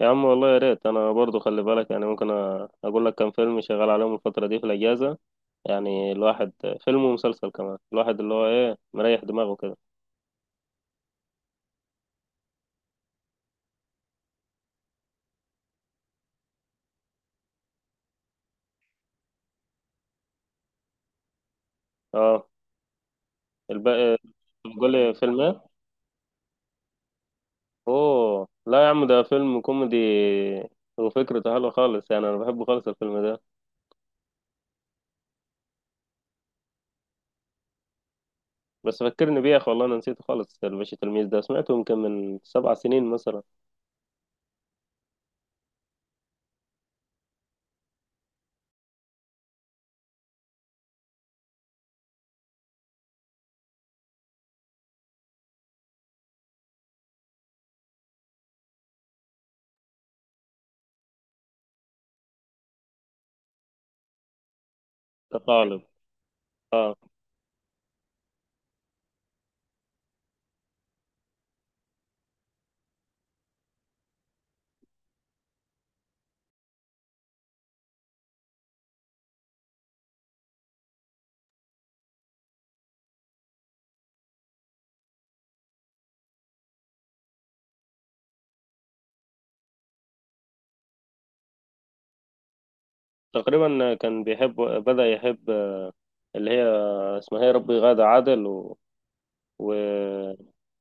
يا عم والله يا ريت. انا برضو خلي بالك يعني ممكن اقول لك كام فيلم شغال عليهم الفتره دي في الاجازه. يعني الواحد فيلم ومسلسل كمان، الواحد اللي هو ايه مريح دماغه كده. اه. الباقي؟ بتقول لي فيلم ايه؟ اوه، لا يا عم، ده فيلم كوميدي، وفكرته حلوه خالص. يعني انا بحبه خالص الفيلم ده. بس فكرني بيه يا اخي، والله انا نسيته خالص. الباشا تلميذ ده سمعته يمكن من 7 سنين مثلا. كطالب. اه. تقريبا كان بيحب، بدأ يحب اللي هي اسمها ايه، ربي، غادة عادل. و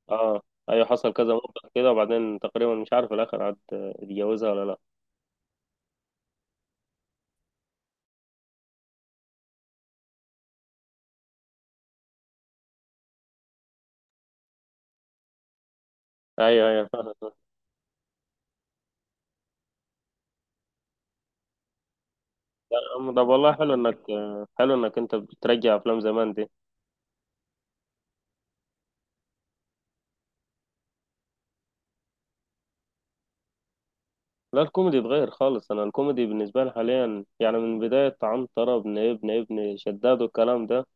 اه. ايوه، حصل كذا موقف كده، وبعدين تقريبا مش عارف في الاخر عاد اتجوزها ولا لا. ايوه ايوه. طب والله حلو انك، حلو انك انت بترجع افلام زمان دي. لا، الكوميدي اتغير خالص. انا الكوميدي بالنسبه لي حاليا يعني من بدايه عنتره ابن شداد والكلام ده،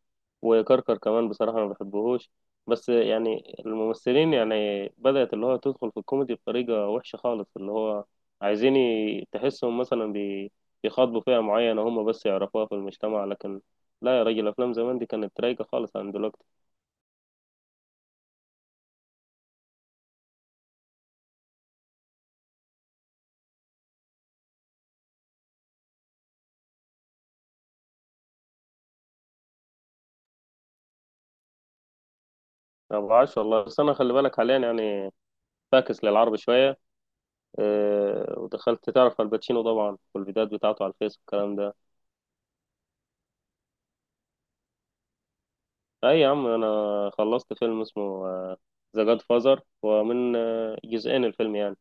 وكركر كمان، بصراحة ما بحبهوش. بس يعني الممثلين يعني بدأت اللي هو تدخل في الكوميدي بطريقة وحشة خالص، اللي هو عايزين تحسهم مثلا بيخاطبوا فئة معينة هم بس يعرفوها في المجتمع، لكن لا يا راجل، أفلام زمان دي كانت رايقة خالص عن دلوقتي. ما بعرفش والله، بس أنا خلي بالك حاليا يعني فاكس للعرب شوية. أه، ودخلت تعرف الباتشينو طبعا والفيديوهات بتاعته على الفيس والكلام ده. اي يا عم، انا خلصت فيلم اسمه ذا جاد فازر، ومن جزئين الفيلم يعني.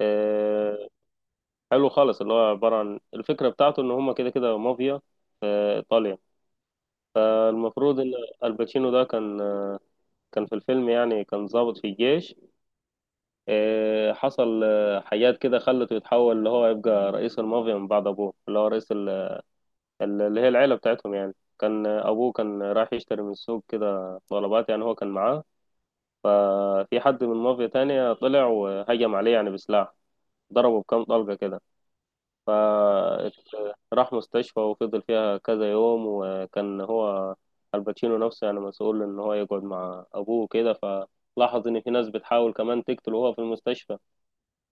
آه، حلو خالص، اللي هو عبارة عن الفكرة بتاعته ان هما كده كده مافيا ايطاليا. المفروض ان الباتشينو ده كان كان في الفيلم، يعني كان ضابط في الجيش. حصل حاجات كده خلته يتحول اللي هو يبقى رئيس المافيا من بعد ابوه اللي هو رئيس اللي هي العيلة بتاعتهم. يعني كان ابوه كان رايح يشتري من السوق كده طلبات، يعني هو كان معاه. ففي حد من مافيا تانية طلع وهجم عليه يعني بسلاح، ضربه بكام طلقة كده. فراح مستشفى، وفضل فيها كذا يوم. وكان هو الباتشينو نفسه يعني مسؤول إن هو يقعد مع أبوه كده، فلاحظ إن في ناس بتحاول كمان تقتله وهو في المستشفى.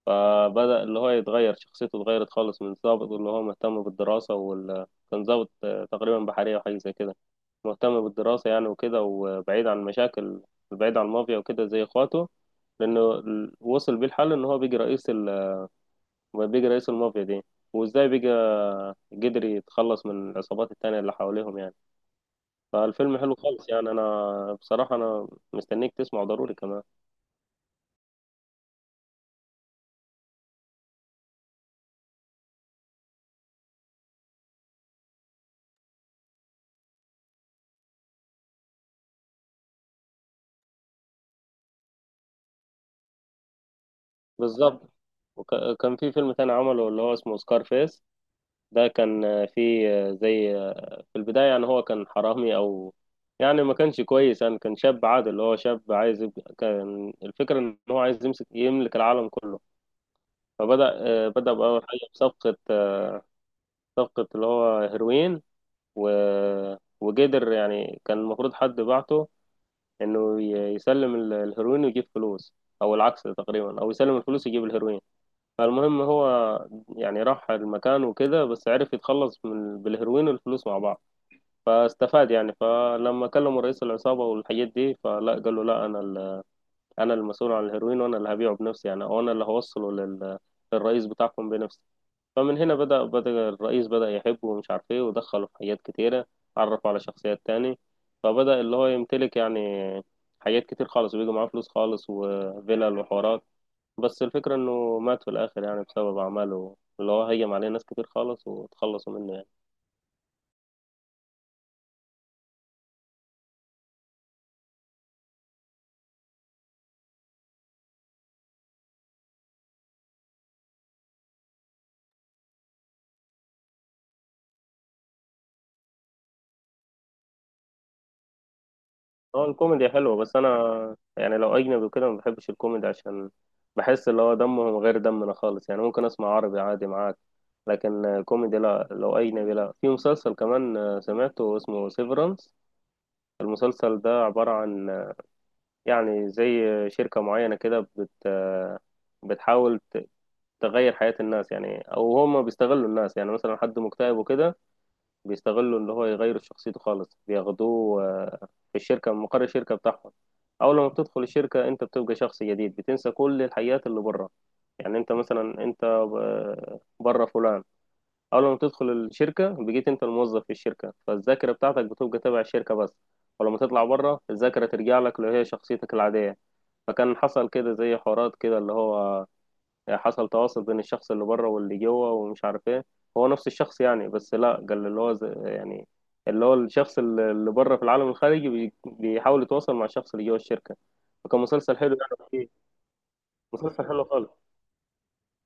فبدأ اللي هو يتغير، شخصيته اتغيرت خالص، من ضابط اللي هو مهتم بالدراسة كان ضابط تقريبا بحرية وحاجة زي كده، مهتم بالدراسة يعني وكده، وبعيد عن المشاكل، بعيد عن المافيا وكده زي اخواته. لأنه وصل بيه الحل إن هو بيجي رئيس بيجي رئيس المافيا دي، وإزاي بيجي قدر يتخلص من العصابات التانية اللي حواليهم يعني. فالفيلم حلو خالص يعني، أنا بصراحة أنا مستنيك تسمعه ضروري كمان. بالظبط. وكان في فيلم تاني عمله اللي هو اسمه سكارفيس. ده كان في زي، في البداية يعني هو كان حرامي، أو يعني ما كانش كويس يعني، كان شاب عادل اللي هو شاب عايز يبقى، كان الفكرة إن هو عايز يمسك يملك العالم كله. فبدأ بدأ بأول حاجة بصفقة صفقة اللي هو هيروين. و... وقدر يعني، كان المفروض حد بعته إنه يسلم الهيروين ويجيب فلوس، أو العكس تقريبا، أو يسلم الفلوس يجيب الهيروين. فالمهم هو يعني راح المكان وكده، بس عرف يتخلص من بالهيروين والفلوس مع بعض. فاستفاد يعني. فلما كلموا رئيس العصابة والحاجات دي، فلا قال له لا، أنا أنا المسؤول عن الهيروين، وأنا اللي هبيعه بنفسي يعني، وأنا اللي هوصله للرئيس بتاعكم بنفسي. فمن هنا بدأ، الرئيس بدأ يحبه ومش عارف إيه، ودخله في حاجات كتيرة، عرفه على شخصيات تاني. فبدأ اللي هو يمتلك يعني حاجات كتير خالص، وبيجي معاه فلوس خالص وفلل وحوارات. بس الفكرة إنه مات في الآخر يعني بسبب أعماله اللي هو هيم عليه ناس كتير خالص وتخلصوا منه يعني. اه، الكوميدي حلوة، بس انا يعني لو اجنبي وكده ما بحبش الكوميدي، عشان بحس اللي هو دمهم غير دمنا خالص. يعني ممكن اسمع عربي عادي معاك، لكن الكوميدي لا، لو اجنبي لا. في مسلسل كمان سمعته، اسمه سيفرانس. المسلسل ده عبارة عن يعني زي شركة معينة كده بت آه، بتحاول تغير حياة الناس يعني، او هم بيستغلوا الناس يعني، مثلا حد مكتئب وكده بيستغلوا اللي هو يغيروا شخصيته خالص، بياخدوه في الشركة من مقر الشركة بتاعهم. أول ما بتدخل الشركة أنت بتبقى شخص جديد، بتنسى كل الحيات اللي بره. يعني أنت مثلا أنت بره فلان، أول ما بتدخل الشركة بقيت أنت الموظف في الشركة، فالذاكرة بتاعتك بتبقى تبع الشركة بس. ولما تطلع بره الذاكرة ترجع لك اللي هي شخصيتك العادية. فكان حصل كده زي حوارات كده اللي هو يعني، حصل تواصل بين الشخص اللي بره واللي جوه، ومش عارف ايه. هو نفس الشخص يعني. بس لا قال اللي هو يعني اللي هو الشخص اللي بره في العالم الخارجي بيحاول يتواصل مع الشخص اللي جوه الشركة. فكان مسلسل حلو يعني، فيه مسلسل حلو خالص،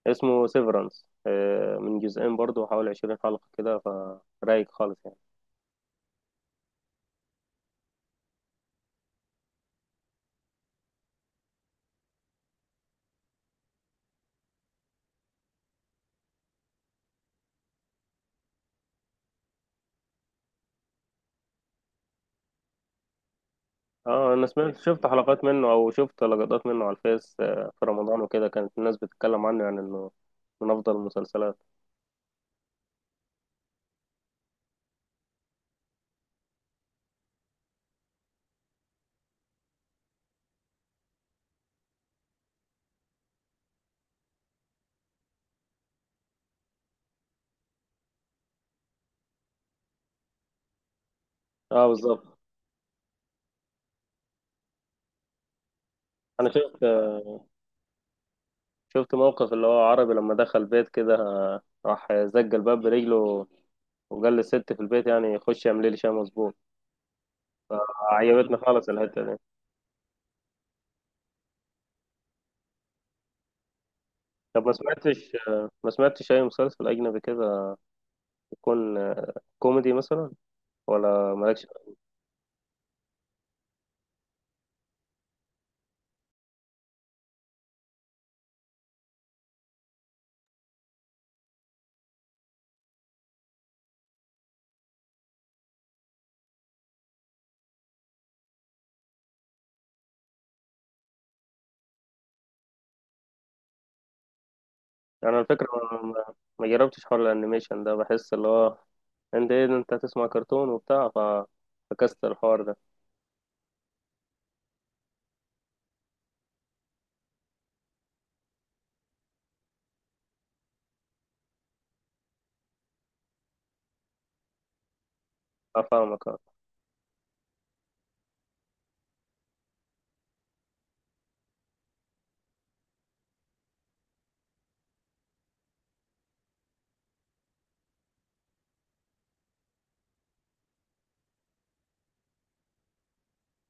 اسمه سيفرانس، من جزئين برضه، حوالي 20 حلقة كده. فرايق خالص يعني. اه، انا سمعت، شفت حلقات منه او شفت لقطات منه على الفيس في رمضان وكده، كانت الناس بتتكلم عنه، يعني انه من افضل المسلسلات. اه بالظبط. انا شفت، شفت موقف اللي هو عربي لما دخل بيت كده راح زق الباب برجله، وقال للست في البيت يعني خش اعملي لي شاي مظبوط. عجبتني خالص الحتة دي. طب ما سمعتش، ما سمعتش أي مسلسل أجنبي كده يكون كوميدي مثلا، ولا مالكش؟ أنا الفكرة ما ما جربتش حوار الأنيميشن ده، بحس اللي هو أنت إيه ده، أنت هتسمع كرتون وبتاع فكست الحوار ده. أفهمك أه.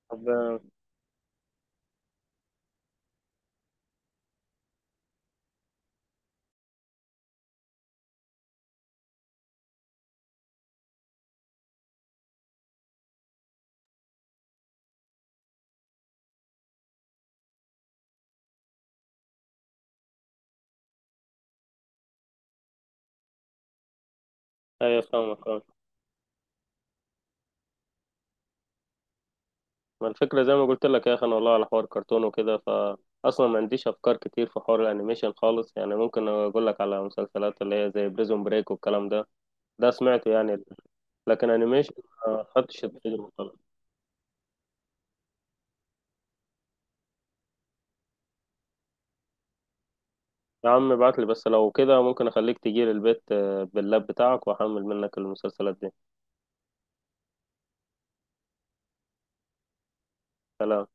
طب أيوة فاهمك اه. ما الفكرة زي ما قلت لك يا أخي، أنا والله على حوار كرتون وكده فأصلا ما عنديش أفكار كتير في حوار الأنيميشن خالص. يعني ممكن أقول لك على مسلسلات اللي هي زي بريزون بريك والكلام ده، ده سمعته يعني. لكن أنيميشن ما خدتش التجربة خالص. يا عم ابعت لي بس، لو كده ممكن أخليك تجي لي البيت باللاب بتاعك، وأحمل منك المسلسلات دي. سلام.